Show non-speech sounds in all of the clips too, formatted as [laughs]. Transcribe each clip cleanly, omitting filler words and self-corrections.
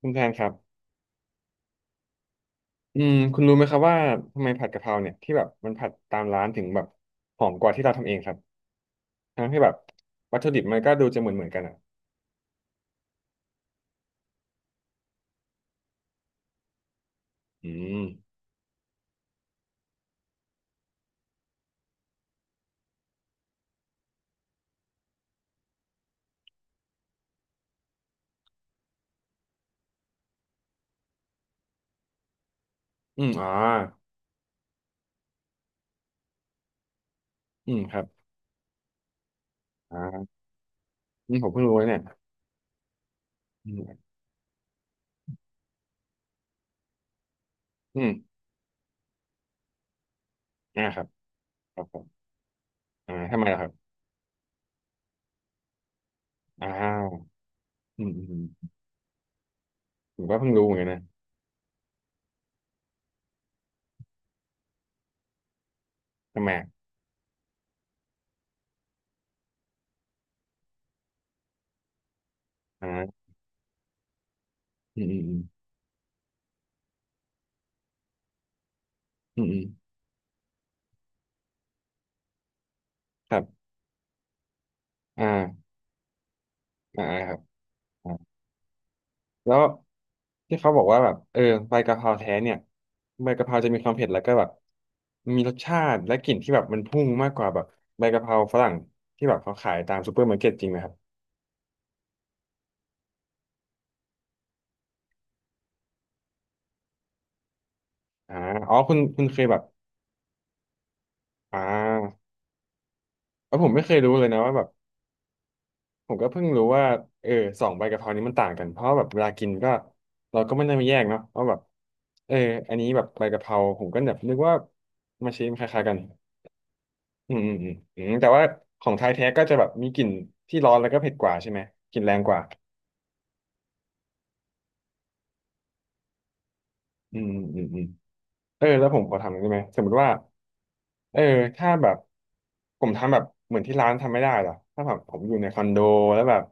คุณแทนครับอืมคุณรู้ไหมครับว่าทำไมผัดกะเพราเนี่ยที่แบบมันผัดตามร้านถึงแบบหอมกว่าที่เราทำเองครับทั้งที่แบบวัตถุดิบมันก็ดูจะเหมือนกันอ่ะอืมอืมอ่าอืมครับอ่าอืมผมเพิ่งรู้เลยเนี่ยอืมอืมอ่าครับครับผมอ่าทำไมล่ะครับอ้าวอืมอืมอืมผมก็เพิ่งรู้เหมือนกันนะทำไมอ่ะอ่าอืมอืมอืมอืมอืมครับอ่าอ่าครับ แล้วที่เขาบอกว่าแบบเออใบกะเพราแท้เนี่ยใบกะเพราจะมีความเผ็ดแล้วก็แบบมีรสชาติและกลิ่นที่แบบมันพุ่งมากกว่าแบบใบกะเพราฝรั่งที่แบบเขาขายตามซูเปอร์มาร์เก็ตจริงไหมครับอ่าอ๋อคุณเคยแบบอ่าเออผมไม่เคยรู้เลยนะว่าแบบผมก็เพิ่งรู้ว่าเออสองใบกะเพรานี้มันต่างกันเพราะแบบเวลากินก็เราก็ไม่ได้มาแยกเนาะว่าแบบเอออันนี้แบบใบกะเพราผมก็แบบนึกว่ามาชิมคล้ายๆกัน อืมอืมอืมอืมแต่ว่าของไทยแท้ก็จะแบบมีกลิ่นที่ร้อนแล้วก็เผ็ดกว่าใช่ไหมกลิ่นแรงกว่าอืมอืมอืมเออแล้วผมขอถามหน่อยได้ไหมสมมติว่าเออถ้าแบบผมทำแบบเหมือนที่ร้านทำไม่ได้เหรอถ้าแบบผมอยู่ในคอนโดแล้วแบบ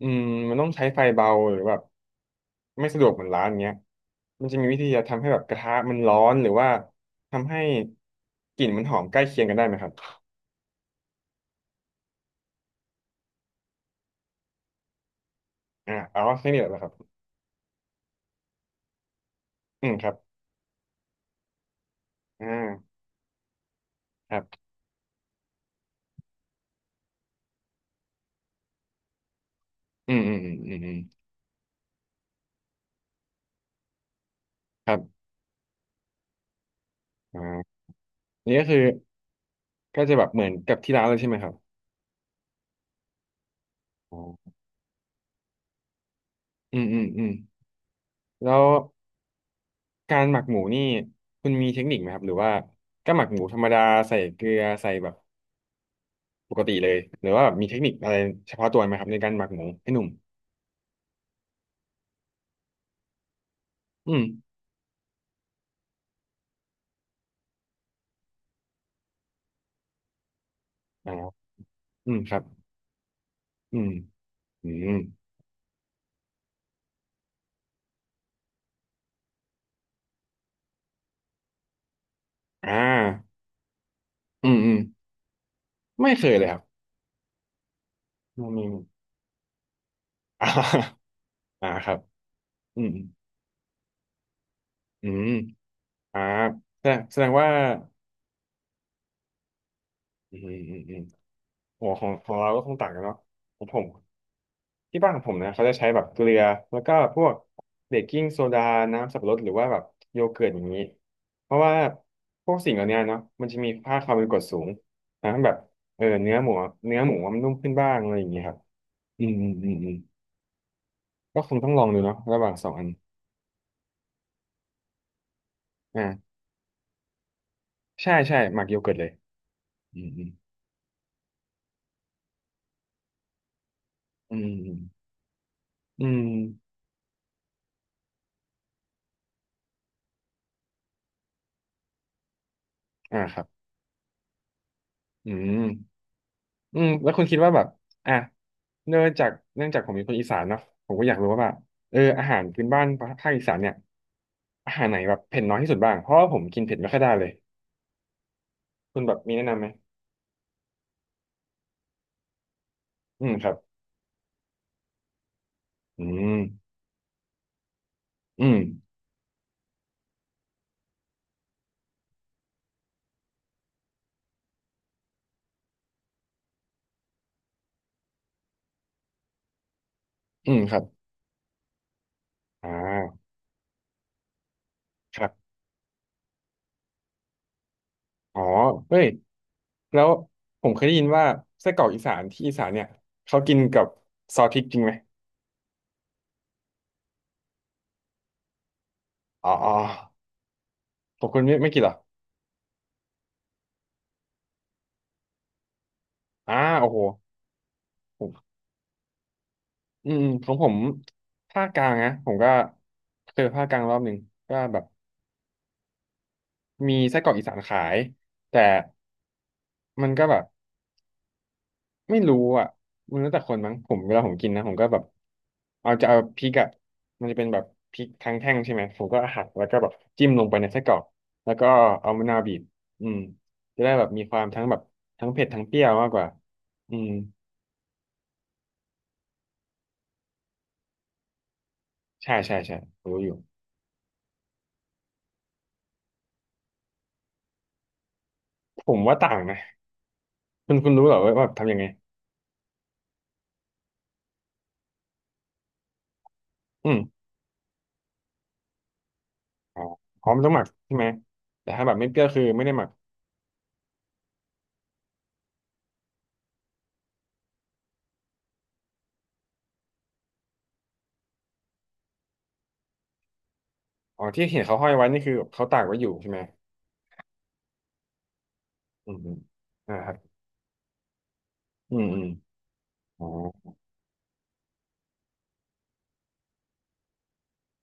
อืมมันต้องใช้ไฟเบาหรือแบบไม่สะดวกเหมือนร้านเงี้ยมันจะมีวิธีจะทำให้แบบกระทะมันร้อนหรือว่าทำให้กลิ่นมันหอมใกล้เคียงกันได้ไหมครับอ่าเอาแค่นี้แหละครับอืมครับอ่าครับอืมอืมอืมอืมอืมครับอ่า นี่ก็คือก็จะแบบเหมือนกับที่ร้านเลยใช่ไหมครับอ๋ออืมอืมอืมแล้วการหมักหมูนี่คุณมีเทคนิคไหมครับหรือว่าก็หมักหมูธรรมดาใส่เกลือใส่แบบปกติเลยหรือว่าแบบมีเทคนิคอะไรเฉพาะตัวไหมครับในการหมักหมูให้หนุ่มอืมอ๋ออืมครับอืมอืมอ่าอืมอืมไม่เคยเลยครับอืม [laughs] อ่าอ่าครับอืมอืมอ่าแสดงว่าอืมอืมอืมโอ้ของเราก็คงต่างกันเนาะของผม ที่บ้านของผมนะเขาจะใช้แบบเกลือแล้วก็พวกเบกกิ้งโซดาน้ำสับปะรดหรือว่าแบบโยเกิร์ตอย่างนี้เพราะว่าพวกสิ่งเหล่านี้เนาะมันจะมีค่าความเป็นกรดสูงทำให้แบบเออเนื้อหมูมันนุ่มขึ้นบ้างอะไรอย่างเงี้ยครับอืมอืมอืมอืมก็คงต้องลองดูเนาะระหว่างสองอันอ่าใช่ใช่หมักโยเกิร์ตเลยอืมอืมอืมอืมอืมอ่าครับอืม อืมแล้วคุณคิดว่าแบบอ่ะเนื่องจากผมเป็นคนอีสานเนาะผมก็อยากรู้ว่าแบบเอออาหารพื้นบ้านภาคอีสานเนี่ยอาหารไหนแบบเผ็ดน้อยที่สุดบ้างเพราะว่าผมกินเผ็ดไม่ค่อยได้เลยคุณแบบมีแนะนำไหมอืมครับอืมอืมอืมครับอ่าครับอ๋อเฮ้ยแล้วผมเคยได้ยินว่าไส้กรอกอีสานที่อีสานเนี่ยเขากินกับซอสพริกจริงไหมอ๋ออ๋อผมคุณไม่กินเหรออ่าโอ้โห อืมของผมภาคกลางนะผมก็เจอภาคกลางรอบหนึ่งก็แบบมีไส้กรอกอีสานขายแต่มันก็แบบไม่รู้อ่ะมันแล้วแต่คนมั้งผมเวลาผมกินนะผมก็แบบเอาจะเอาพริกอ่ะมันจะเป็นแบบพริกทั้งแท่งใช่ไหมผมก็หักแล้วก็แบบจิ้มลงไปในไส้กรอกแล้วก็เอามะนาวบีบอืมจะได้แบบมีความทั้งแบบทั้งเผ็ดทั้งเปรี้ยวมากกว่าอืมใช่ใช่ใช่รู้อยู่ผมว่าต่างนะคุณรู้เหรอว่าแบบทำยังไงอืม อ๋อพร้อมต้องหมักใช่ไหมแต่ถ้าแบบไม่เปรี้ยวคือไม่ได้หมักอ๋อที่เห็นเขาห้อยไว้นี่คือเขาตากไว้อยู่ใช่ไหมอืมอืมนะครับอืมอืมอ๋อ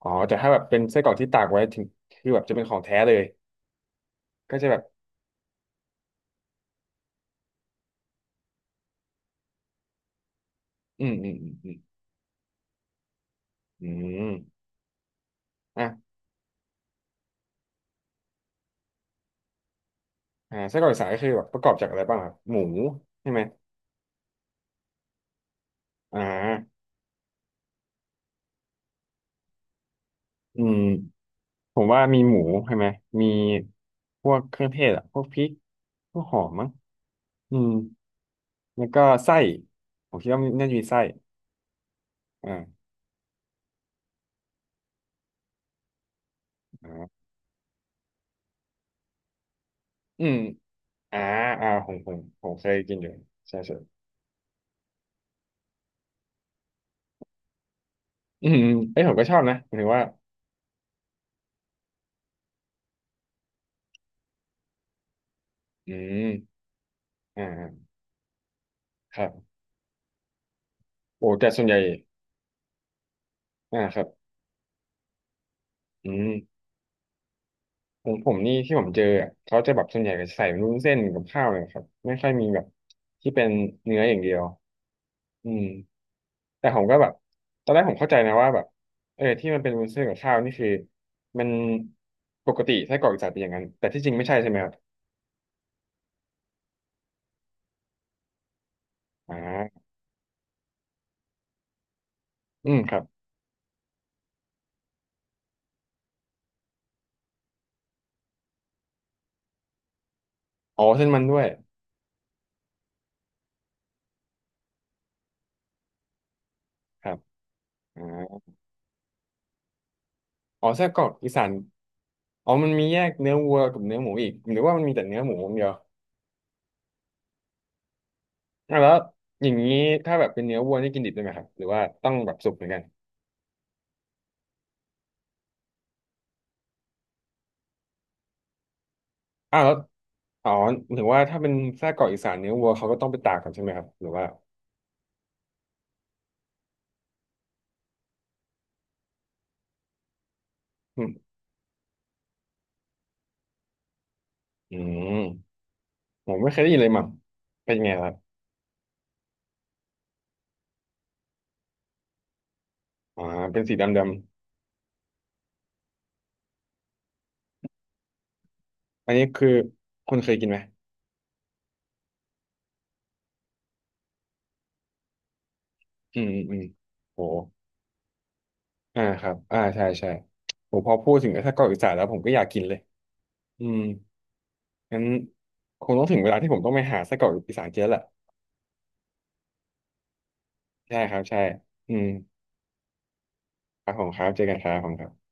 อ๋อแต่ถ้าแบบเป็นไส้กรอกที่ตากไว้ถึงคือแบบจะเป็นของแท้เลยก็จะแบบอืมอืมอืมอืมอืมอ่ะอ่าไส้กรอกอีสานก็คือแบบประกอบจากอะไรบ้างครับหมูใช่ไหมอ่าอืมผมว่ามีหมูใช่ไหมมีพวกเครื่องเทศอ่ะพวกพริกพวกหอมมั้งอืมแล้วก็ไส้ผมคิดว่ามันน่าจะมีไส้อ่า อืมอ่าอ่าผมเคยกินอยู่ใช่ใช่อืมอืมเอ้ยผมก็ชอบนะหมายถึงว่าอืมอ่าครับโอ้แต่ส่วนใหญ่อ่าครับอืมผมนี่ที่ผมเจออ่ะเขาจะแบบส่วนใหญ่ก็ใส่เป็นวุ้นเส้นกับข้าวเลยครับไม่ค่อยมีแบบที่เป็นเนื้ออย่างเดียวอืมแต่ผมก็แบบตอนแรกผมเข้าใจนะว่าแบบเออที่มันเป็นวุ้นเส้นกับข้าวนี่คือมันปกติไส้กรอกอีสานเป็นอย่างนั้นแต่ที่จริงไม่ใช่ใช่ไหมครับอ่าอืมครับอ๋อเส้นมันด้วยครับอ่า อ๋อไส้กรอกอีสานอ๋อมันมีแยกเนื้อวัวกับเนื้อหมูอีกหรือว่ามันมีแต่เนื้อหมูอย่างเดียวอ่ะแล้วอย่างนี้ถ้าแบบเป็นเนื้อวัวนี่กินดิบได้ไหมครับหรือว่าต้องแบบสุกเหมือนกันอ้าวแล้วอ๋อถึงว่าถ้าเป็นไส้กรอกอีสานเนื้อวัวเขาก็ต้องไปตากกันใช่ไหมครับหรือว่าอืมอืมผมไม่เคยได้ยินเลยมั้งเป็นยังไงครับอ๋อเป็นสีดำดำอันนี้คือคุณเคยกินไหมอืมอืมอืมโหอ่าครับอ่าใช่ใช่โหพอพูดถึงไอ้ไส้กรอกอีสานแล้วผมก็อยากกินเลยอืม งั้นคงต้องถึงเวลาที่ผมต้องไปหาไส้กรอกอีสานเจ๊แล้วแหละใช่ครับใช่อืมครับผมครับเจอกันครับผมครับ